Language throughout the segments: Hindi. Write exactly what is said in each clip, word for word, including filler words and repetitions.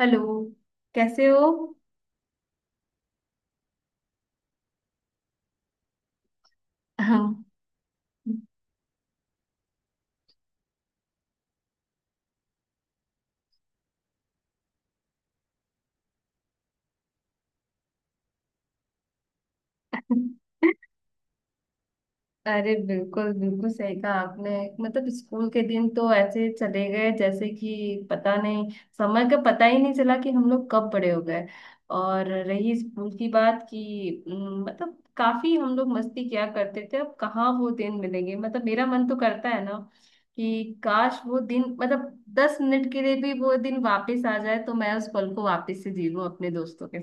हेलो। कैसे हो? हाँ। अरे, बिल्कुल बिल्कुल सही कहा आपने। मतलब स्कूल के दिन तो ऐसे चले गए जैसे कि पता नहीं, समय का पता ही नहीं चला कि हम लोग कब बड़े हो गए। और रही स्कूल की बात कि उम, मतलब काफी हम लोग मस्ती किया करते थे। अब कहाँ वो दिन मिलेंगे? मतलब मेरा मन तो करता है ना कि काश वो दिन, मतलब दस मिनट के लिए भी वो दिन वापस आ जाए तो मैं उस पल को वापस से जी लूं अपने दोस्तों के।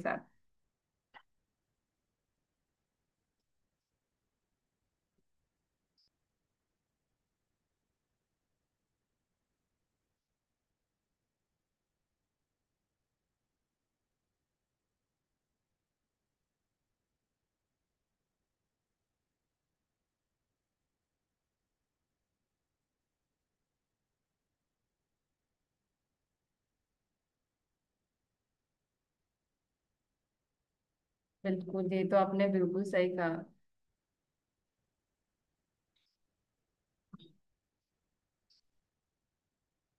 बिल्कुल, ये तो आपने बिल्कुल सही कहा।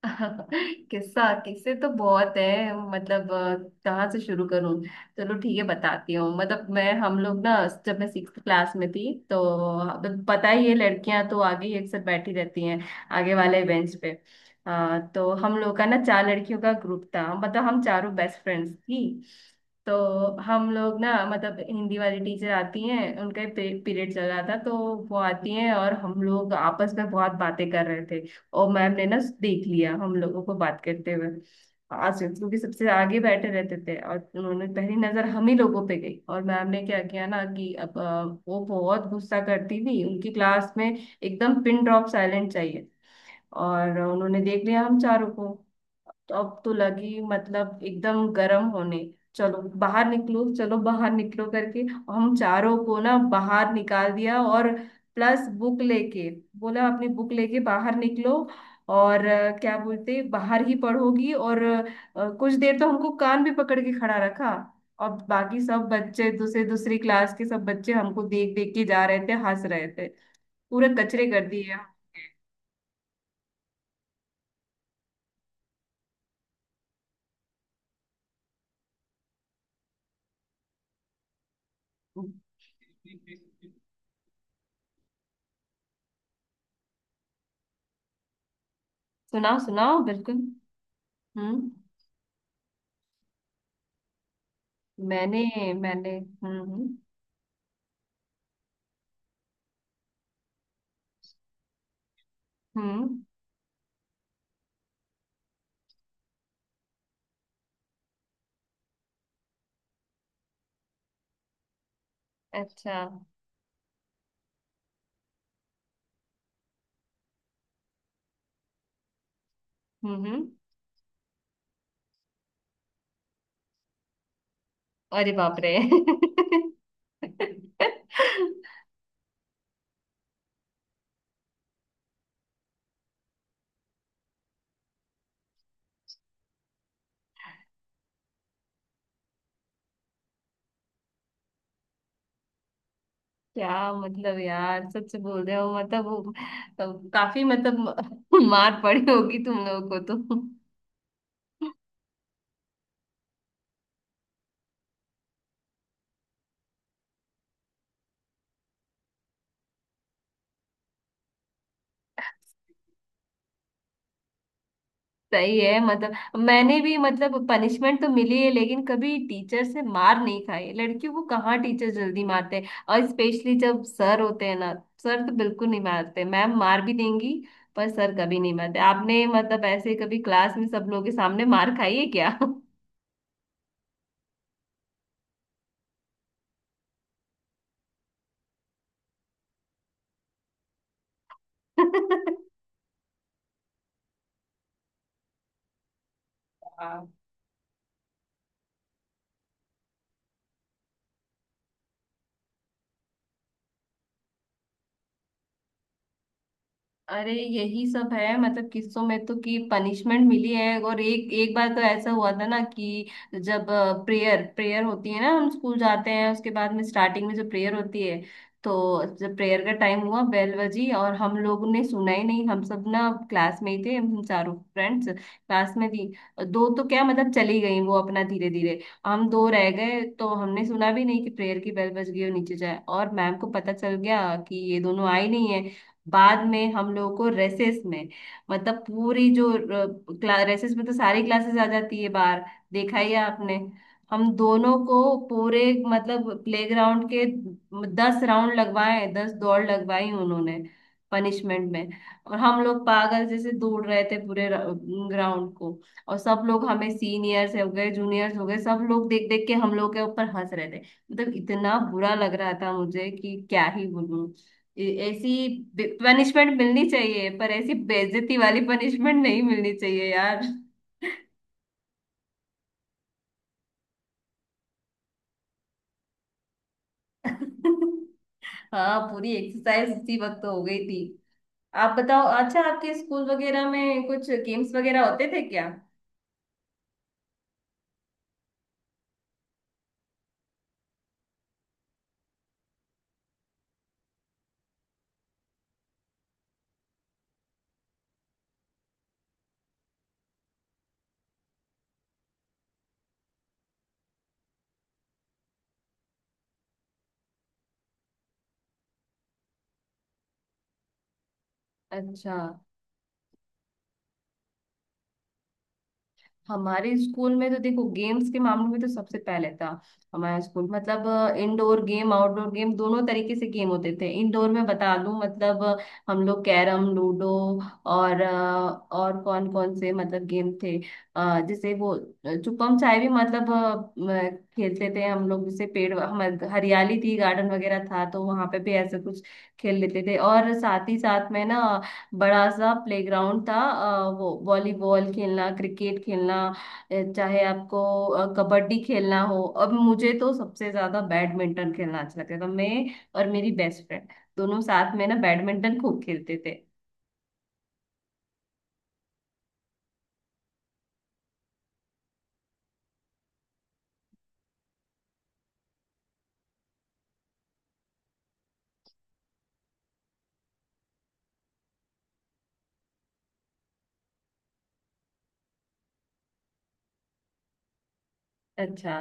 किस्सा किस्से तो बहुत है। मतलब अ, कहाँ से शुरू करूँ। चलो ठीक है, बताती हूँ। मतलब मैं हम लोग ना, जब मैं सिक्स क्लास में थी तो, अब पता ही है, लड़कियां तो आगे ही अक्सर बैठी रहती हैं, आगे वाले बेंच पे। अ, तो हम लोग का ना चार लड़कियों का ग्रुप था, मतलब हम चारों बेस्ट फ्रेंड्स थी। तो हम लोग ना, मतलब हिंदी वाली टीचर आती हैं, उनका पीरियड चल रहा था तो वो आती हैं और हम लोग आपस में बहुत बातें कर रहे थे। और मैम ने ना देख लिया हम लोगों को बात करते हुए। आसिफ क्योंकि सबसे आगे बैठे रहते थे और उन्होंने पहली नजर हम ही लोगों पे गई। और मैम ने क्या किया ना कि अब अ, वो बहुत गुस्सा करती थी, उनकी क्लास में एकदम पिन ड्रॉप साइलेंट चाहिए। और उन्होंने देख लिया हम चारों को, तो अब तो लगी मतलब एकदम गर्म होने। चलो बाहर निकलो, चलो बाहर निकलो करके और हम चारों को ना बाहर निकाल दिया, और प्लस बुक लेके बोला अपनी बुक लेके बाहर निकलो, और अ, क्या बोलते बाहर ही पढ़ोगी। और अ, कुछ देर तो हमको कान भी पकड़ के खड़ा रखा। और बाकी सब बच्चे, दूसरे दूसरी क्लास के सब बच्चे हमको देख देख के जा रहे थे, हंस रहे थे। पूरे कचरे कर दिए। सुनाओ सुनाओ, बिल्कुल। हम्म। मैंने मैंने। हम्म हम्म। हम्म, अच्छा। हम्म हम्म। अरे बाप रे! क्या मतलब, यार, सच बोल रहे हो? मतलब वो- तो काफी, मतलब, मार पड़ी होगी तुम लोगों को तो। सही है। मतलब मैंने भी, मतलब, पनिशमेंट तो मिली है, लेकिन कभी टीचर से मार नहीं खाई है। लड़कियों को कहाँ टीचर जल्दी मारते हैं, और स्पेशली जब सर होते हैं ना, सर तो बिल्कुल नहीं मारते, मैम मार भी देंगी, पर सर कभी नहीं मारते। आपने मतलब ऐसे कभी क्लास में सब लोगों के सामने मार खाई है क्या? अरे, यही सब है। मतलब किस्सों में तो, कि पनिशमेंट मिली है। और एक एक बार तो ऐसा हुआ था ना कि जब प्रेयर प्रेयर होती है ना, हम स्कूल जाते हैं उसके बाद में स्टार्टिंग में जो प्रेयर होती है, तो जब प्रेयर का टाइम हुआ, बेल बजी, और हम लोगों ने सुना ही नहीं। हम सब ना क्लास में ही थे, हम चारों फ्रेंड्स क्लास में थी। दो तो क्या, मतलब चली गई वो अपना, धीरे धीरे। हम दो रह गए तो हमने सुना भी नहीं कि प्रेयर की बेल बज गई, और नीचे जाए, और मैम को पता चल गया कि ये दोनों आई नहीं है। बाद में हम लोगों को रेसेस में, मतलब पूरी, जो रेसेस में तो सारी क्लासेस आ जाती है बाहर, देखा ही है आपने, हम दोनों को पूरे मतलब प्लेग्राउंड के दस राउंड लगवाए, दस दौड़ लगवाई उन्होंने पनिशमेंट में। और हम लोग पागल जैसे दौड़ रहे थे पूरे ग्राउंड को, और सब लोग, हमें सीनियर्स हो गए, जूनियर्स हो गए, सब लोग देख देख के हम लोग के ऊपर हंस रहे थे। मतलब इतना बुरा लग रहा था मुझे कि क्या ही बोलूं। ए- ऐसी पनिशमेंट मिलनी चाहिए पर ऐसी बेइज्जती वाली पनिशमेंट नहीं मिलनी चाहिए, यार। हाँ, पूरी एक्सरसाइज उसी वक्त तो हो गई थी। आप बताओ, अच्छा, आपके स्कूल वगैरह में कुछ गेम्स वगैरह होते थे क्या? अच्छा, हमारे स्कूल में तो देखो, गेम्स के मामले में तो सबसे पहले था हमारा स्कूल। मतलब इंडोर गेम, आउटडोर गेम, दोनों तरीके से गेम होते थे। इंडोर में बता दूं, मतलब अ, हम लोग कैरम, लूडो, और अ, और कौन कौन से मतलब गेम थे, अ, जैसे वो अ, छुपम छाई भी, मतलब अ, अ, खेलते थे हम लोग। जैसे पेड़, हमारे हरियाली थी, गार्डन वगैरह था, तो वहां पे भी ऐसे कुछ खेल लेते थे। और साथ ही साथ में ना बड़ा सा प्लेग्राउंड था, अ, वो वॉलीबॉल खेलना, क्रिकेट खेलना, अ, चाहे आपको अ, कबड्डी खेलना हो। अब मुझे तो सबसे ज्यादा बैडमिंटन खेलना अच्छा लगता था, मैं और मेरी बेस्ट फ्रेंड दोनों साथ में ना बैडमिंटन खूब खेलते थे। अच्छा,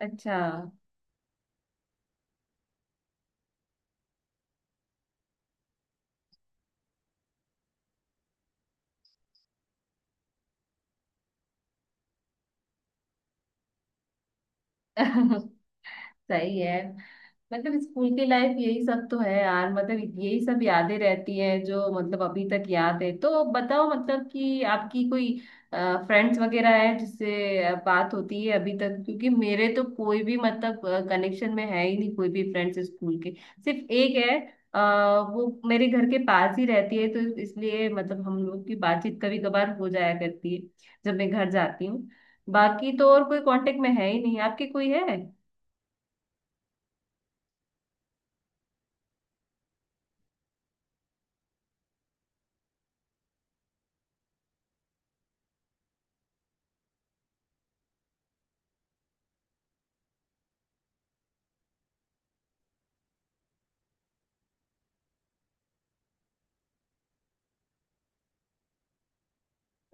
अच्छा। सही है। मतलब स्कूल की लाइफ यही सब तो है, यार। मतलब यही सब यादें रहती है जो मतलब अभी तक याद है। तो बताओ मतलब कि आपकी कोई फ्रेंड्स वगैरह है जिससे अ, बात होती है अभी तक? क्योंकि मेरे तो कोई भी मतलब कनेक्शन में है ही नहीं, कोई भी फ्रेंड्स स्कूल के, सिर्फ एक है। आ, वो मेरे घर के पास ही रहती है तो इसलिए मतलब हम लोग की बातचीत कभी कभार हो जाया करती है, जब मैं घर जाती हूँ। बाकी तो और कोई कांटेक्ट में है ही नहीं। आपके कोई है?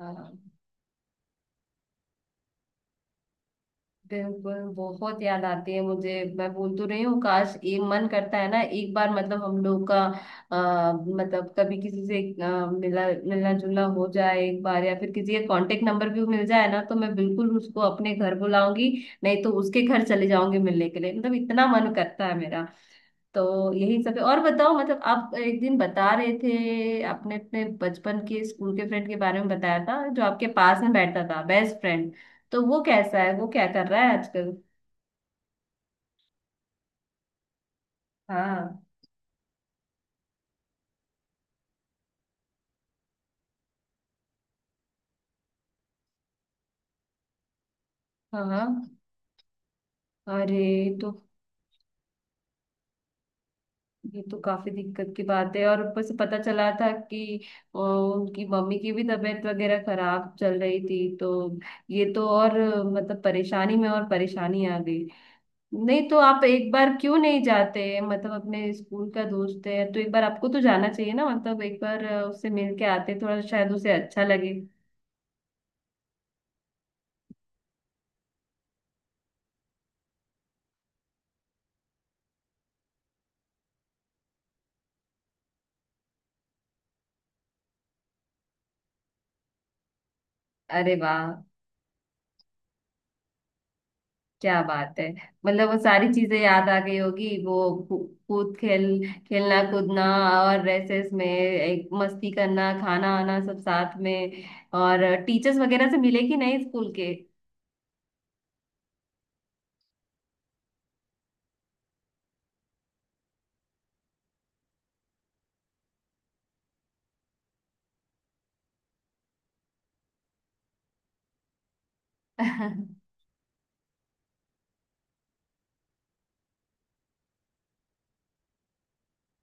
हाँ। बिल्कुल बहुत याद आती है मुझे, मैं बोल तो रही हूँ काश, एक मन करता है ना, एक बार मतलब हम लोग का आ, मतलब कभी किसी से अ, मिला मिलना जुलना हो जाए एक बार, या फिर किसी का कांटेक्ट नंबर भी मिल जाए ना तो मैं बिल्कुल उसको अपने घर बुलाऊंगी, नहीं तो उसके घर चले जाऊंगी मिलने के लिए। मतलब इतना मन करता है मेरा। तो यही सब है। और बताओ, मतलब आप एक दिन बता रहे थे, आपने अपने बचपन के स्कूल के फ्रेंड के बारे में बताया था जो आपके पास में बैठता था, बेस्ट फ्रेंड, तो वो कैसा है, वो क्या कर रहा है आजकल? हाँ। हाँ। अरे, तो ये तो काफी दिक्कत की बात है। और ऊपर से पता चला था कि अ, उनकी मम्मी की भी तबीयत वगैरह खराब चल रही थी तो ये तो और अ, मतलब परेशानी में और परेशानी आ गई। नहीं तो आप एक बार क्यों नहीं जाते? मतलब अपने स्कूल का दोस्त है तो एक बार आपको तो जाना चाहिए ना। मतलब एक बार अ, उससे मिल के आते, थोड़ा शायद उसे अच्छा लगे। अरे वाह, क्या बात है! मतलब वो सारी चीजें याद आ गई होगी। वो कू- कूद खेल, खेलना कूदना, और रेसेस में एक मस्ती करना, खाना आना सब साथ में। और टीचर्स वगैरह से मिले कि नहीं स्कूल के?